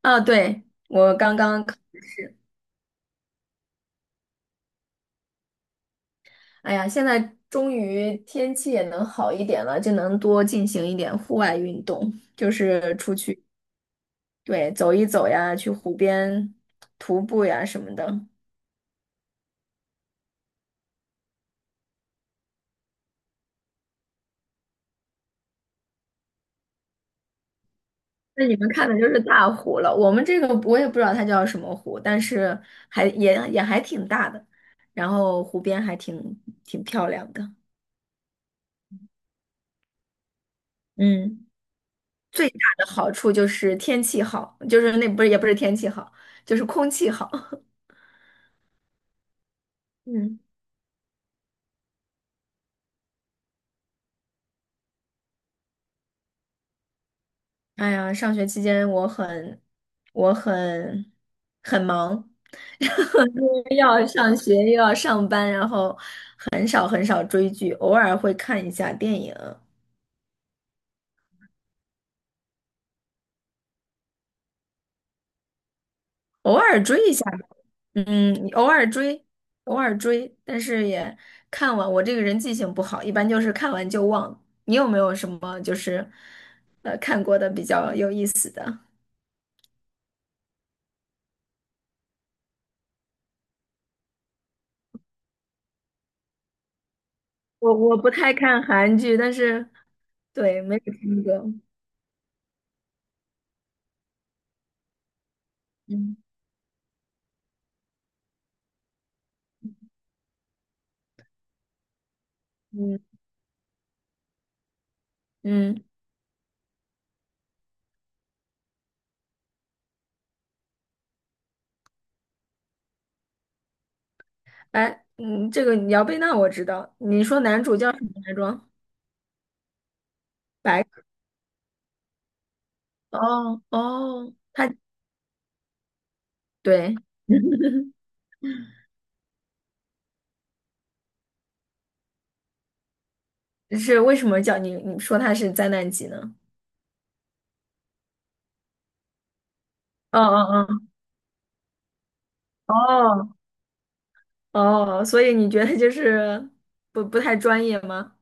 啊，对，我刚刚，哎呀，现在终于天气也能好一点了，就能多进行一点户外运动，就是出去，对，走一走呀，去湖边徒步呀什么的。那你们看的就是大湖了，我们这个我也不知道它叫什么湖，但是还也还挺大的，然后湖边还挺漂亮的。嗯，最大的好处就是天气好，就是那不是也不是天气好，就是空气好。嗯。哎呀，上学期间我很忙，然后又要上学又要上班，然后很少很少追剧，偶尔会看一下电影，偶尔追一下吧，嗯，偶尔追，但是也看完。我这个人记性不好，一般就是看完就忘。你有没有什么就是看过的比较有意思的？我不太看韩剧，但是对，没有听过，嗯嗯。嗯，哎，嗯，这个姚贝娜我知道。你说男主叫什么来着？白客，哦哦，他对，是为什么叫你？你说他是灾难级呢？哦哦哦哦，哦，所以你觉得就是不太专业吗？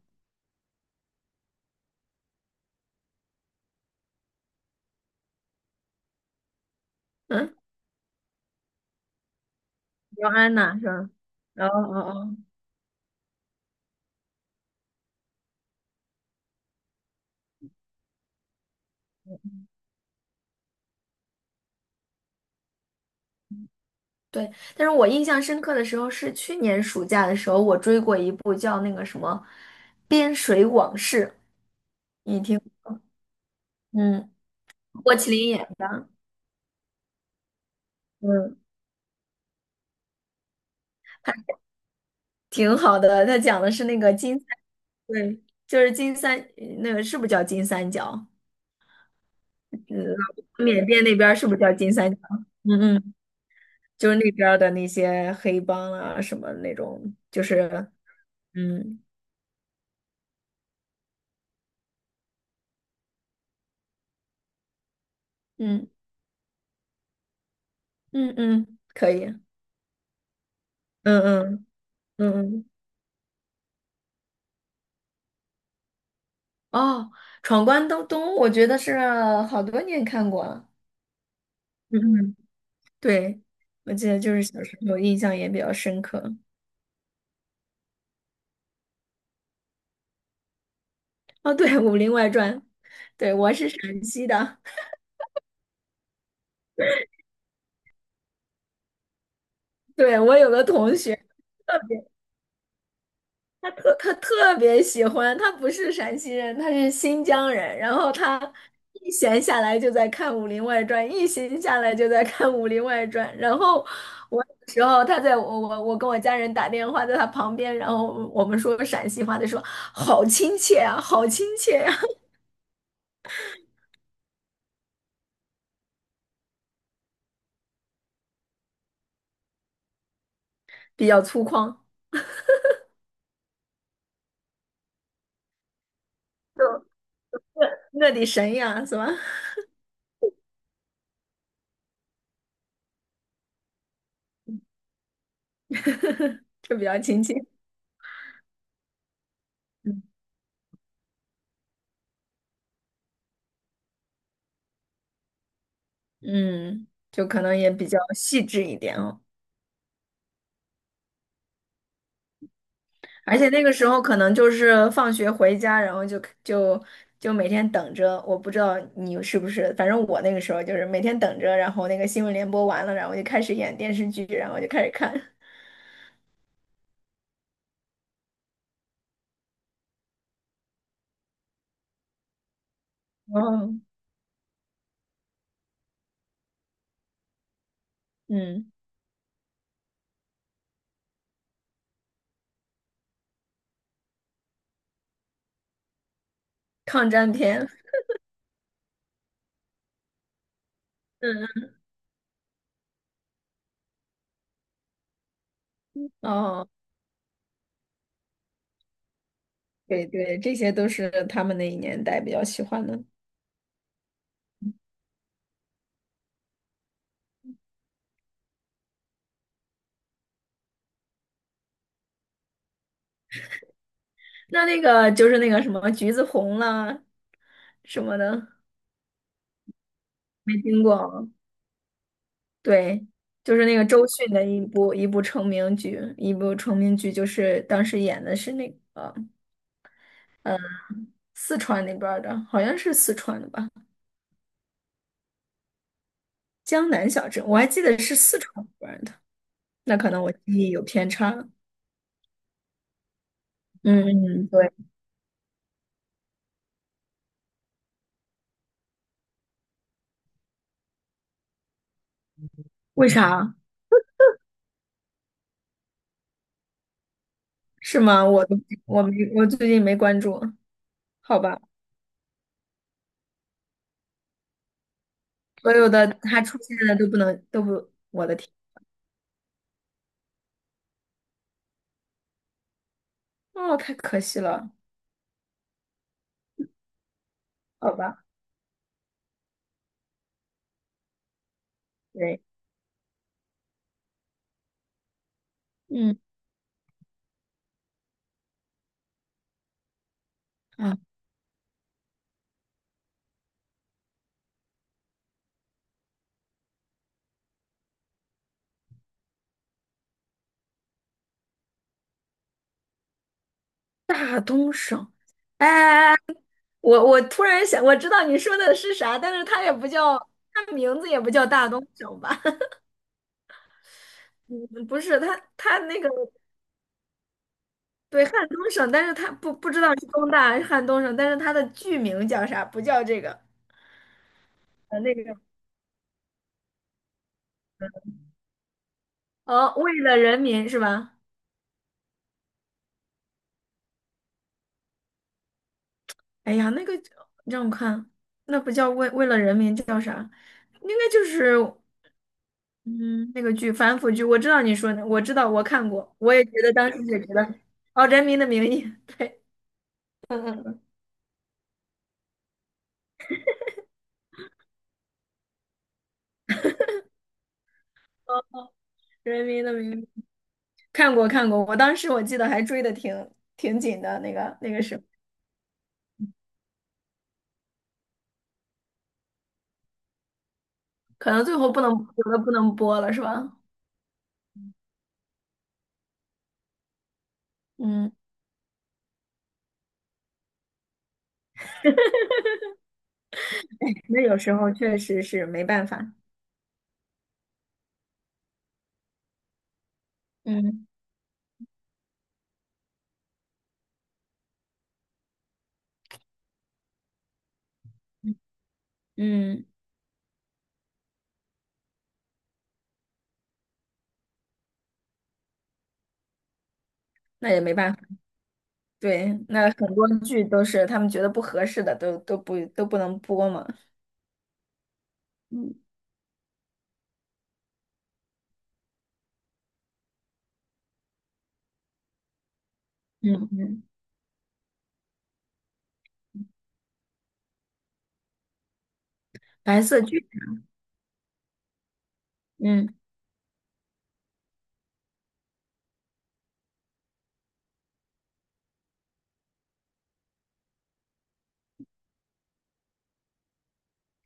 嗯，姚安娜是吧？哦哦哦，对，但是我印象深刻的时候是去年暑假的时候，我追过一部叫那个什么《边水往事》，你听，嗯，郭麒麟演的，嗯。挺好的，他讲的是那个金三 对，就是金三，那个是不是叫金三角？嗯，缅甸那边儿是不是叫金三角？嗯嗯，就是那边儿的那些黑帮啊，什么那种，就是，嗯嗯嗯嗯，可以，嗯嗯嗯嗯，哦，《闯关东东》，我觉得是好多年看过了，嗯嗯，对，我记得就是小时候印象也比较深刻。哦，对，《武林外传》，对，我是陕西的。对，我有个同学，特别，他特别喜欢，他不是陕西人，他是新疆人。然后他一闲下来就在看《武林外传》，一闲下来就在看《武林外传》。然后我有时候他在我跟我家人打电话，在他旁边，然后我们说陕西话，他说好亲切啊，好亲切呀、比较粗犷，就我的神呀，是吧？就比较亲切，嗯，嗯就可能也比较细致一点哦。而且那个时候可能就是放学回家，然后就每天等着。我不知道你是不是，反正我那个时候就是每天等着，然后那个新闻联播完了，然后就开始演电视剧，然后就开始看。哦，嗯，抗战片，嗯，哦，对对，这些都是他们那一年代比较喜欢的。那那个就是那个什么橘子红啦什么的，没听过。对，就是那个周迅的一部成名剧就是当时演的是那个四川那边儿的，好像是四川的吧，江南小镇，我还记得是四川那边儿的，那可能我记忆有偏差了，嗯嗯，对，为啥？是吗？我都，我没，我最近没关注，好吧，所有的他出现的都不能都不，我的天，哦，太可惜了，好吧，对，嗯，啊，大东省。哎哎哎！我突然想，我知道你说的是啥，但是它也不叫，它名字也不叫大东省吧？嗯，不是，它它那个对汉东省，但是它不知道是东大还是汉东省，但是它的剧名叫啥？不叫这个，呃，那个叫，哦，为了人民是吧？哎呀，那个让我看，那不叫为了人民，叫啥？应该就是，嗯，那个剧反腐剧，我知道你说的，我知道我看过，我也觉得当时也觉得，哦，《人民的名义》，对。嗯嗯，人民的名义，看过看过，我当时我记得还追的挺紧的，那个那个是，可能最后不能有的不能播了，是吧？嗯，那有时候确实是没办法。嗯嗯，那也没办法。对，那很多剧都是他们觉得不合适的，都不能播嘛。嗯嗯嗯，白色剧，嗯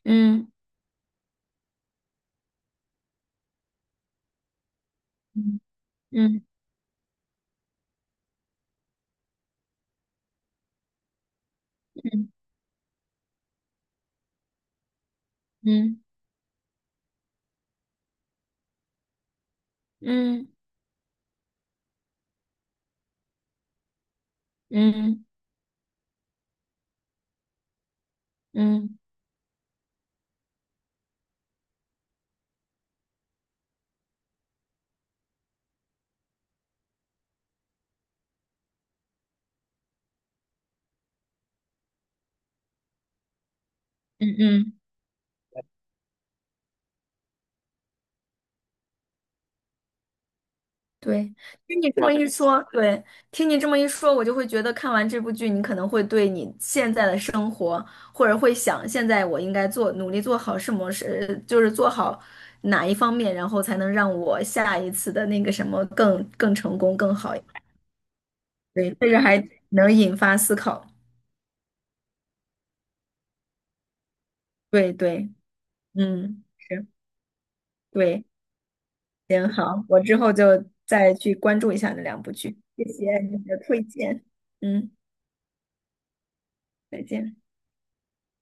嗯嗯嗯嗯嗯嗯嗯嗯嗯嗯嗯。对，听你这对么吧一说，对，听你这么一说，我就会觉得看完这部剧，你可能会对你现在的生活，或者会想现在我应该做，努力做好什么事，就是做好哪一方面，然后才能让我下一次的那个什么更成功、更好一点，对，这个还能引发思考。对对，嗯，是，对，行，好，我之后就再去关注一下那两部剧。谢谢你的推荐，嗯，再见。